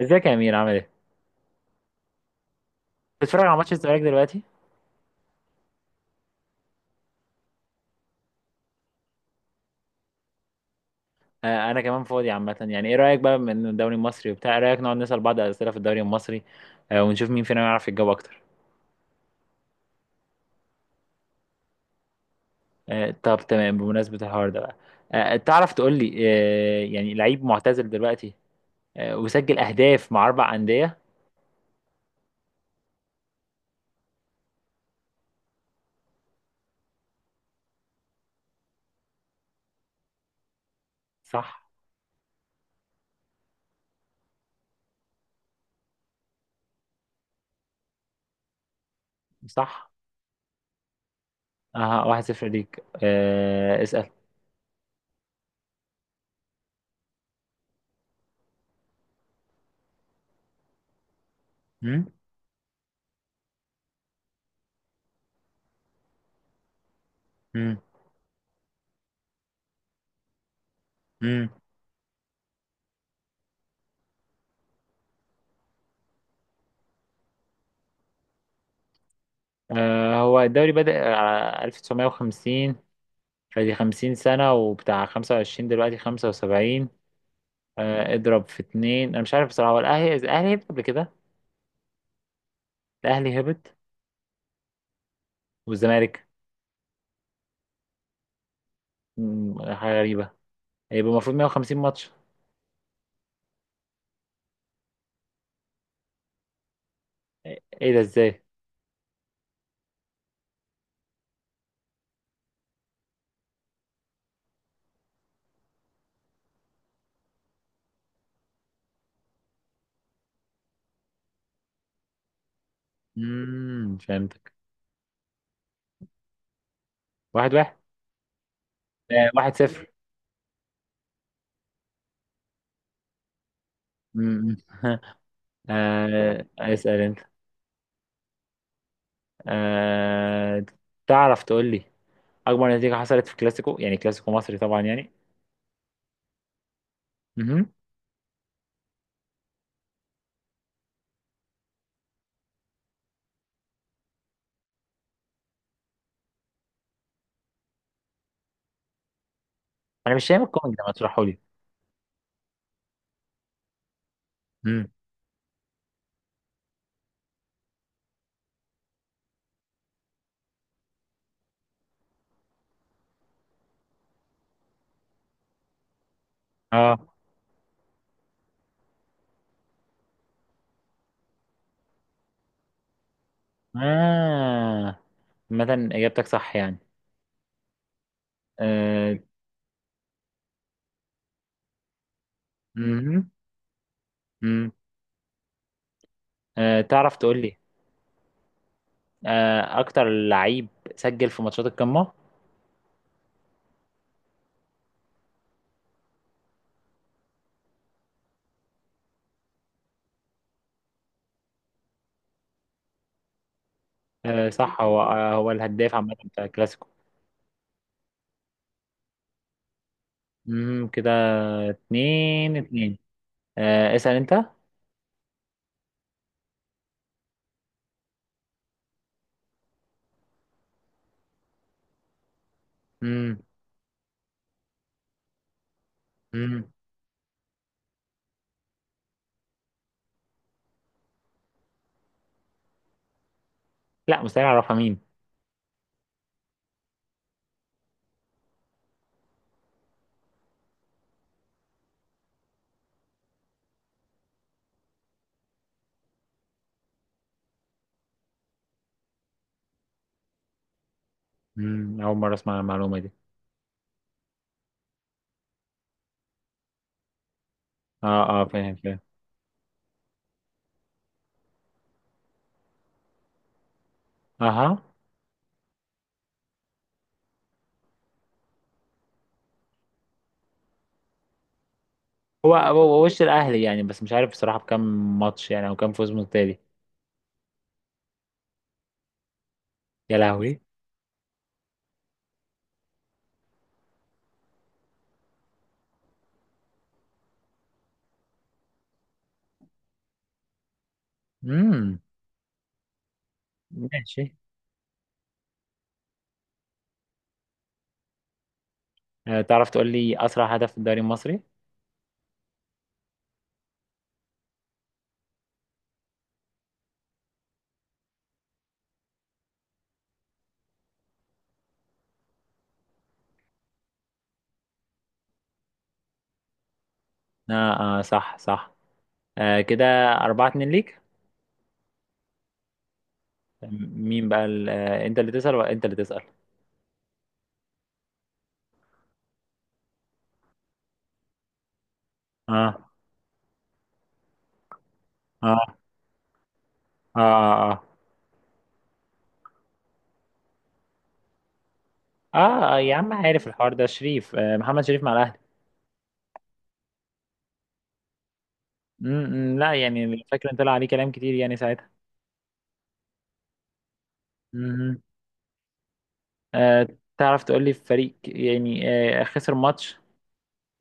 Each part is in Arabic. ازيك يا امير، عامل ايه؟ بتتفرج على ماتش الزمالك دلوقتي؟ آه، انا كمان فاضي عامه، يعني ايه رايك بقى من الدوري المصري وبتاع ايه رايك نقعد نسال بعض اسئله في الدوري المصري؟ آه، ونشوف مين فينا يعرف يجاوب اكتر. آه، طب تمام. بمناسبه الحوار ده بقى، تعرف تقول لي يعني لعيب معتزل دلوقتي وسجل اهداف مع 4 انديه؟ صح. صح. اها، 1-0 ليك. اسال. امم. امم. امم. آه، هو الدوري بدأ على 1950، فدي 50 سنة، وبتاع 25 دلوقتي 75. اضرب في اتنين. أنا مش عارف بصراحة، هو الأهلي هبط قبل كده؟ الأهلي هبط؟ والزمالك؟ حاجة غريبة. هيبقى المفروض 150 ماتش. إيه ده إزاي؟ فهمتك. 1-1. آه، 1-0. مم. آه، اسأل أنت. آه، تعرف تقول لي أكبر نتيجة حصلت في كلاسيكو، يعني كلاسيكو مصري طبعا، يعني. مهم. أنا مش فاهم الكومنت ده، ما تشرحه لي؟ مم. اه، اه. مثلا إجابتك صح يعني. أه. مهم. مم. أه، تعرف تقول لي. أه، أكتر لعيب سجل في ماتشات القمة؟ أه، صح. هو الهداف عامة بتاع الكلاسيكو. مهم. كده 2-2. أه، اسأل أنت. مم. مم. لا، مستحيل أعرفها، مين؟ مم. أول مرة أسمع المعلومة دي. اه، اه، فاهم فاهم. اها، هو وش الأهلي يعني، بس مش عارف بصراحة بكم ماتش يعني، أو كم فوز متتالي. يا لهوي. امم. ماشي. آه، تعرف تقول لي أسرع هدف في الدوري المصري؟ آه, آه، صح صح. آه، كده 4-2 ليك. مين بقى أنت اللي تسأل ولا أنت اللي تسأل؟ آه. آه، آه. آه. آه. آه, يا عم عارف الحوار ده شريف، آه، محمد شريف مع الأهلي. م- م، لا، يعني فاكر إن طلع عليه كلام كتير يعني ساعتها. مهم. آه، تعرف تقول لي فريق يعني خسر ماتش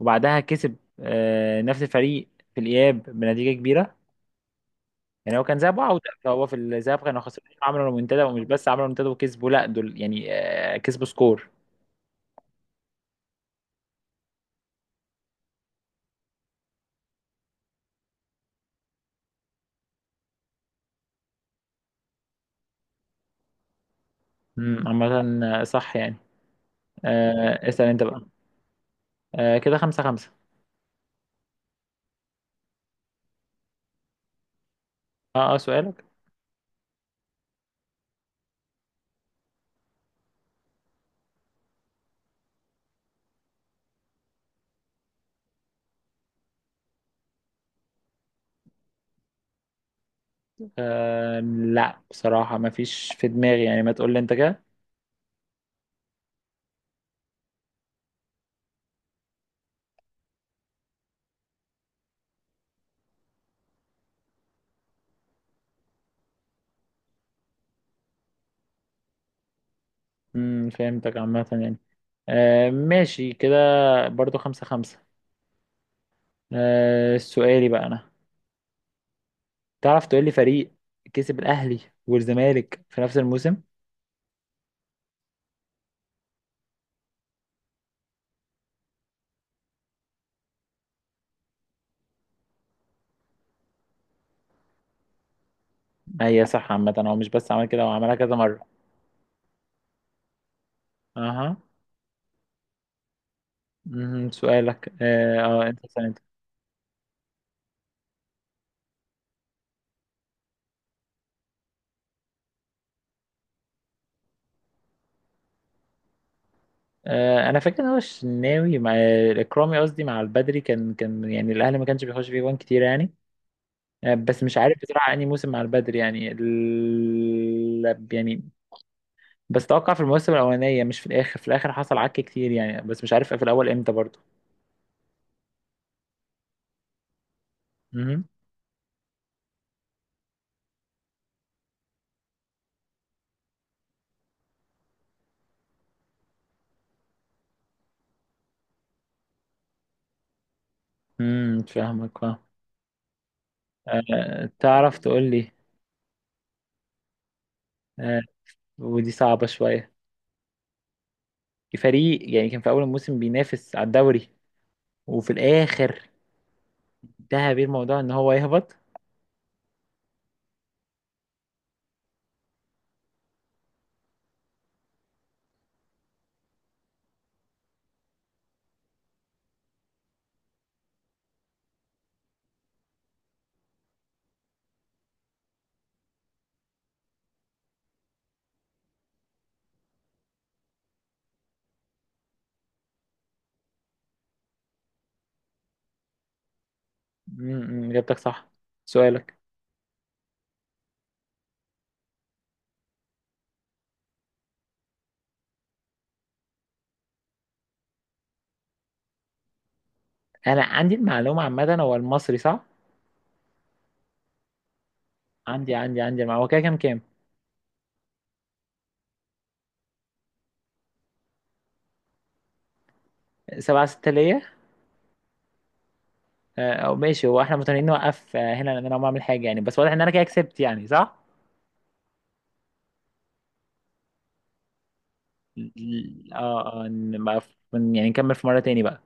وبعدها كسب نفس الفريق في الإياب بنتيجة كبيرة؟ يعني هو كان ذهاب وعودة، فهو في الذهاب كانوا خسرانين، عملوا رومنتادا. ومش بس عملوا رومنتادا وكسبوا، لا دول يعني كسبوا سكور. عامة. آه، صح يعني. آه، اسأل انت بقى. آه، كده 5-5. اه، اه، سؤالك. آه، لا بصراحة ما فيش في دماغي يعني، ما تقول لي انت كده. فهمتك عامة يعني. آه، ماشي كده. برضو 5-5. آه، سؤالي بقى أنا. تعرف تقول لي فريق كسب الأهلي والزمالك في نفس الموسم؟ هي صح عامة، هو مش بس عمل كده، هو عملها كذا مرة. أها. مهم. سؤالك، انت سألت. آه، انا فاكر ان هو الشناوي مع اكرامي، قصدي مع البدري. كان يعني الاهلي ما كانش بيخش فيه جوان كتير يعني. آه، بس مش عارف بصراحه انهي موسم مع البدري، يعني يعني. بس توقع في الموسم الاولانيه، مش في الاخر. في الاخر حصل عك كتير يعني، بس مش عارف في الاول امتى برضه. امم. فاهمك فاهم. آه، تعرف تقول لي. آه. ودي صعبه شويه، فريق يعني كان في اول الموسم بينافس على الدوري، وفي الاخر انتهى بيه الموضوع ان هو يهبط؟ اجابتك صح. سؤالك. انا عندي المعلومه عامه، هو المصري، صح؟ عندي المعلومه. هو كده كام؟ 7-6 ليا. آه، او ماشي. هو احنا متنقلين نوقف هنا، لان انا ما اعمل حاجه يعني، بس واضح ان انا كده كسبت يعني، صح؟ اه، اه، إن ما- يعني نكمل في مره تاني بقى.